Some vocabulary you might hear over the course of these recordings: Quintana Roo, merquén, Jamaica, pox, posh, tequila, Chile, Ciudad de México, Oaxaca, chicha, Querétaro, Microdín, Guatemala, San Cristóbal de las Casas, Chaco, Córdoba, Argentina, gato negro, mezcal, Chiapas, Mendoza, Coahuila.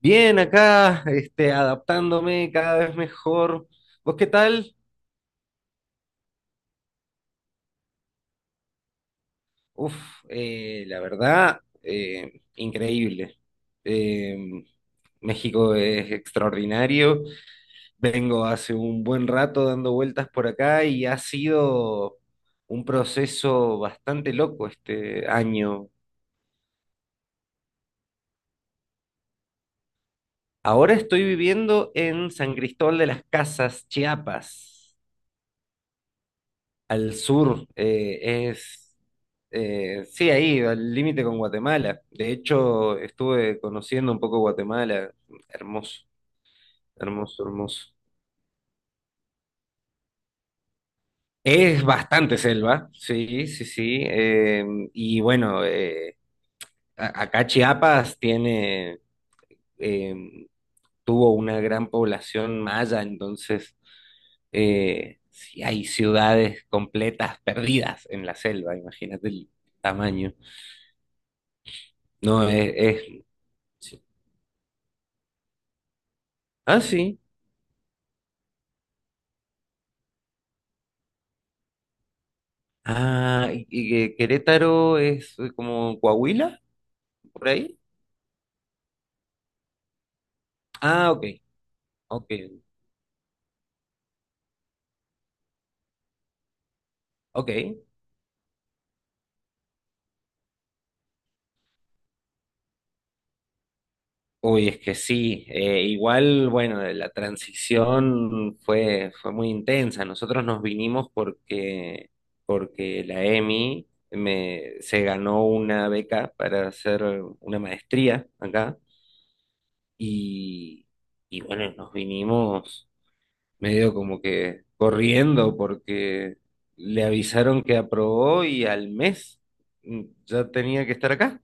Bien, acá, adaptándome cada vez mejor. ¿Vos qué tal? Uf, la verdad, increíble. Eh, México es extraordinario. Vengo hace un buen rato dando vueltas por acá y ha sido un proceso bastante loco este año. Ahora estoy viviendo en San Cristóbal de las Casas, Chiapas, al sur, sí, ahí, al límite con Guatemala. De hecho, estuve conociendo un poco Guatemala. Hermoso, hermoso, hermoso. Es bastante selva, sí, sí, sí. Y bueno, acá Chiapas eh, tuvo una gran población maya. Entonces sí hay ciudades completas perdidas en la selva, imagínate el tamaño. No, sí. Ah, sí. Ah, y que Querétaro es como Coahuila, por ahí. Ah, ok, ok, ok. Uy, es que sí. Igual, bueno, la transición fue muy intensa. Nosotros nos vinimos porque la EMI se ganó una beca para hacer una maestría acá. Y, y bueno, nos vinimos. Medio como que corriendo porque le avisaron que aprobó y al mes, ya tenía que estar acá.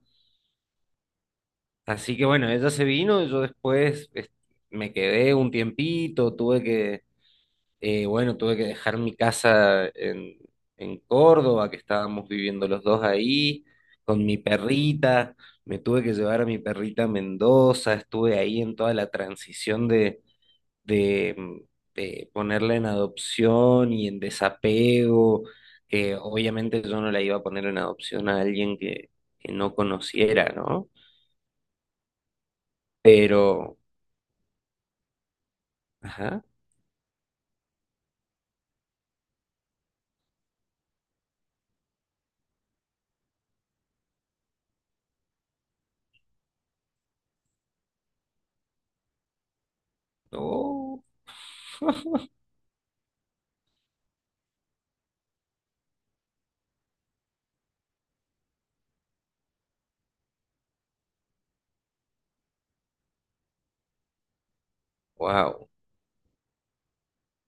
Así que bueno, ella se vino, yo después me quedé un tiempito, bueno, tuve que dejar mi casa en Córdoba, que estábamos viviendo los dos ahí, con mi perrita. Me tuve que llevar a mi perrita a Mendoza, estuve ahí en toda la transición de de, mm, ponerla en adopción y en desapego. Obviamente yo no la iba a poner en adopción a alguien que no conociera, ¿no? Pero, ajá, oh, wow.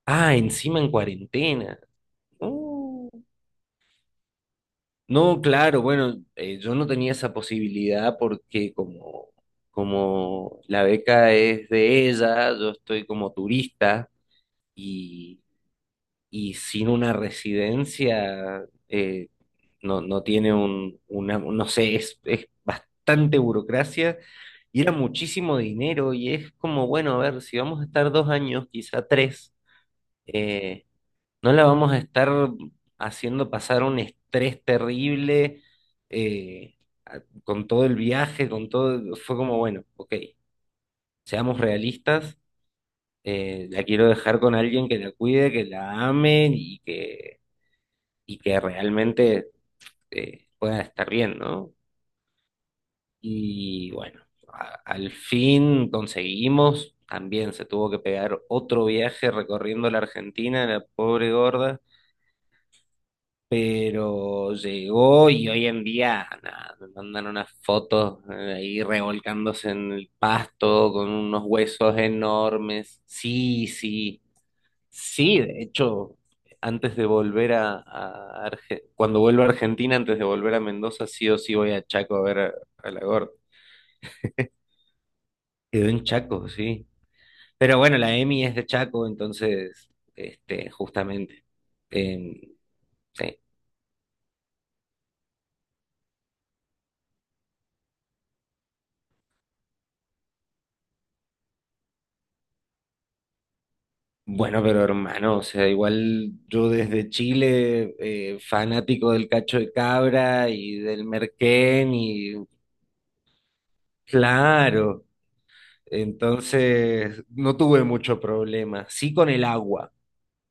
Ah, encima en cuarentena. Oh. No, claro, bueno, yo no tenía esa posibilidad porque como la beca es de ella, yo estoy como turista y y sin una residencia, no, no tiene un, una, no sé, es bastante burocracia y era muchísimo dinero, y es como, bueno, a ver, si vamos a estar 2 años, quizá tres, eh, no la vamos a estar haciendo pasar un estrés terrible, eh, con todo el viaje, con todo, fue como, bueno, ok, seamos realistas. La quiero dejar con alguien que la cuide, que la ame y que realmente pueda estar bien, ¿no? Y bueno, al fin conseguimos. También se tuvo que pegar otro viaje recorriendo la Argentina, la pobre gorda, pero llegó. Y hoy en día nada, me mandan unas fotos ahí revolcándose en el pasto con unos huesos enormes. Sí, sí. Sí, de hecho, antes de volver cuando vuelva a Argentina, antes de volver a Mendoza, sí o sí voy a Chaco a ver a la. Quedó en Chaco, sí. Pero bueno, la Emi es de Chaco, entonces, justamente. em, sí. Bueno, pero hermano, o sea, igual yo desde Chile, fanático del cacho de cabra y del merquén, y claro, entonces no tuve mucho problema. Sí con el agua.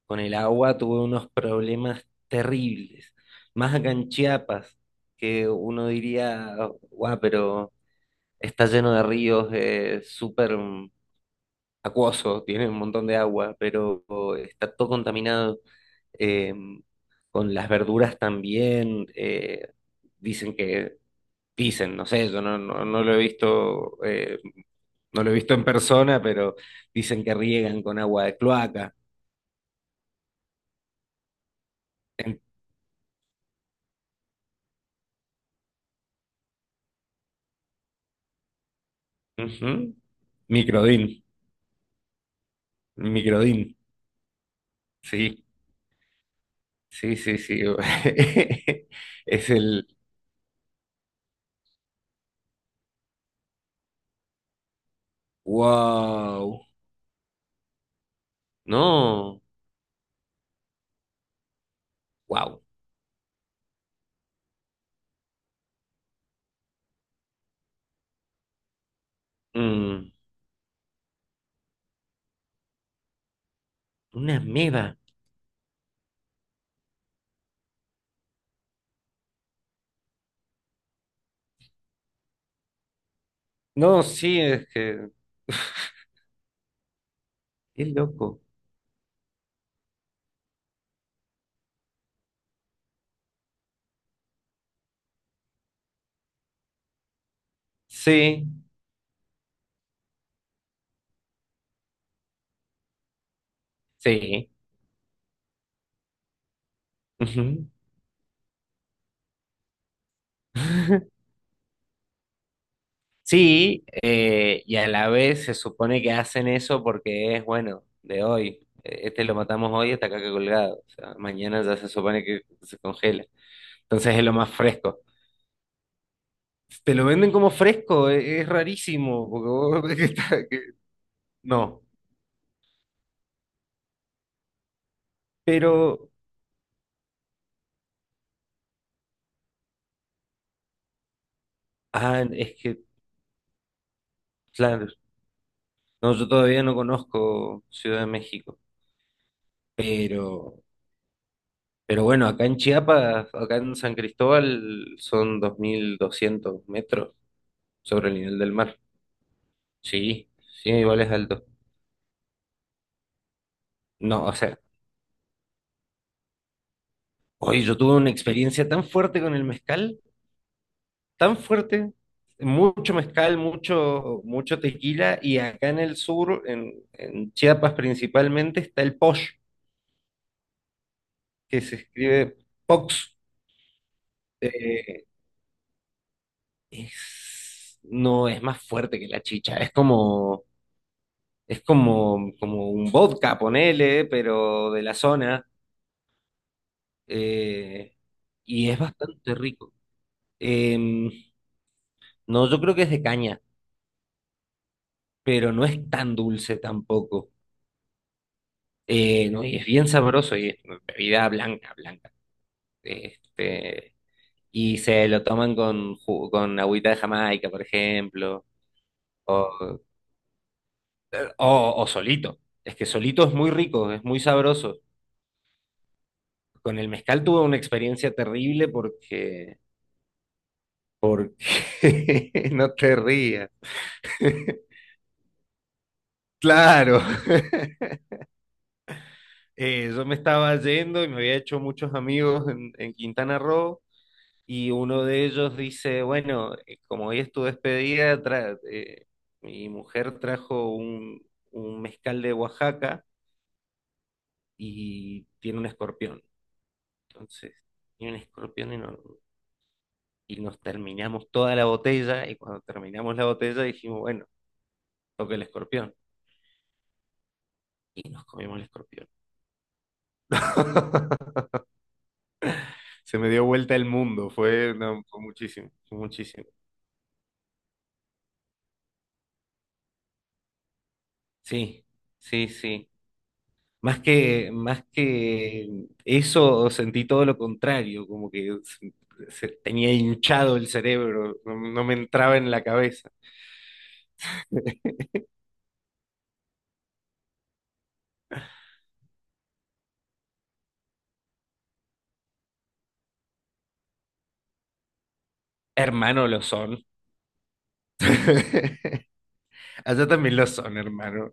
Con el agua tuve unos problemas terribles. Más acá en Chiapas, que uno diría, guau, pero está lleno de ríos, es súper acuoso, tiene un montón de agua, pero está todo contaminado. eh, con las verduras también, dicen que, dicen, no sé, yo no, no, no lo he visto, no lo he visto en persona, pero dicen que riegan con agua de cloaca. En- Ujú. Microdín. Microdin, sí, sí, sí, sí. Es el Wow. No, wow. Mm, una ameba. No, sí, es que es loco. Sí, sí. Ujú. Sí, y a la vez se supone que hacen eso porque es bueno, de hoy. Este lo matamos hoy, está acá colgado. O sea, mañana ya se supone que se congela. Entonces es lo más fresco. Te lo venden como fresco, es rarísimo, porque vos no, pero, ah, es que, claro, no, yo todavía no conozco Ciudad de México, pero, pero bueno, acá en Chiapas, acá en San Cristóbal, son 2.200 metros sobre el nivel del mar, sí, sí, igual es alto. No, o sea, hoy yo tuve una experiencia tan fuerte con el mezcal, tan fuerte, mucho mezcal, mucho, mucho tequila. Y acá en el sur, en Chiapas principalmente, está el posh, que se escribe pox. Eh, no, es más fuerte que la chicha, como un vodka, ponele, pero de la zona, eh, y es bastante rico. Em, no, yo creo que es de caña, pero no es tan dulce tampoco. No, y es bien sabroso, y es bebida blanca, blanca. Este, y se lo toman con agüita de Jamaica, por ejemplo, o, o solito. Es que solito es muy rico, es muy sabroso. Con el mezcal tuve una experiencia terrible porque no te rías. Claro, yo me estaba yendo y me había hecho muchos amigos en Quintana Roo. Y uno de ellos dice, bueno, como hoy es tu despedida, mi mujer trajo un mezcal de Oaxaca, y tiene un escorpión. Entonces, tiene un escorpión y, no- y nos terminamos toda la botella, y cuando terminamos la botella dijimos, bueno, toca el escorpión. Y nos comimos el escorpión. Se me dio vuelta el mundo, no, fue muchísimo, fue muchísimo. Sí, sí, sí. Más que eso, sentí todo lo contrario, como que se tenía hinchado el cerebro, no, no me entraba en la cabeza. Hermano, lo son. Allá también lo son, hermano.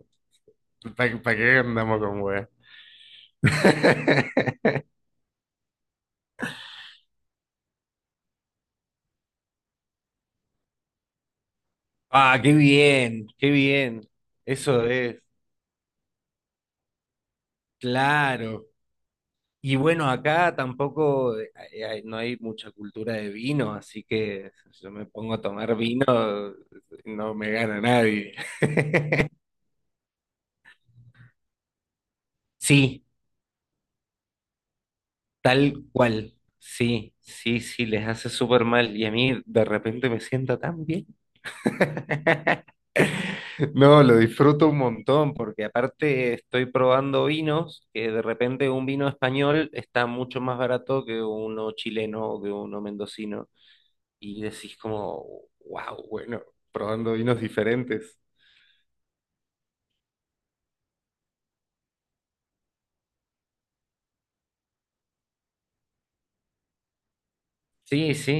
¿Para qué andamos con weas? Ah, qué bien, qué bien. Eso es, claro. Y bueno, acá tampoco no hay mucha cultura de vino, así que si yo me pongo a tomar vino, no me gana nadie. Sí, tal cual. Sí, sí, sí, les hace súper mal. Y a mí de repente me sienta tan bien. No, lo disfruto un montón, porque aparte estoy probando vinos, que de repente un vino español está mucho más barato que uno chileno o que uno mendocino. Y decís como, wow, bueno, probando vinos diferentes. Sí, sí,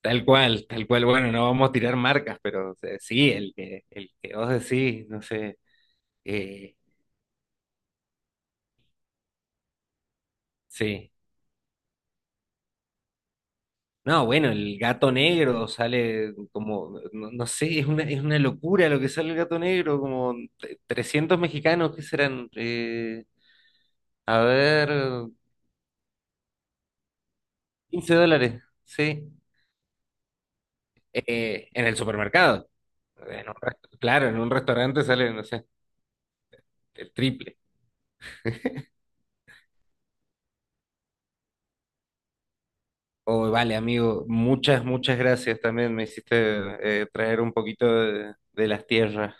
tal cual, tal cual. Bueno, no vamos a tirar marcas, pero o sí, el que vos decís, no sé, eh, sí. No, bueno, el gato negro sale como, no, no sé, es una locura lo que sale el gato negro, como 300 mexicanos, ¿qué serán? A ver, 15 dólares, sí, en el supermercado. Claro, en un restaurante sale, no sé, el triple. Oh, vale, amigo, muchas, muchas gracias también. Me hiciste traer un poquito de las tierras.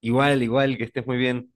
Igual, igual, que estés muy bien.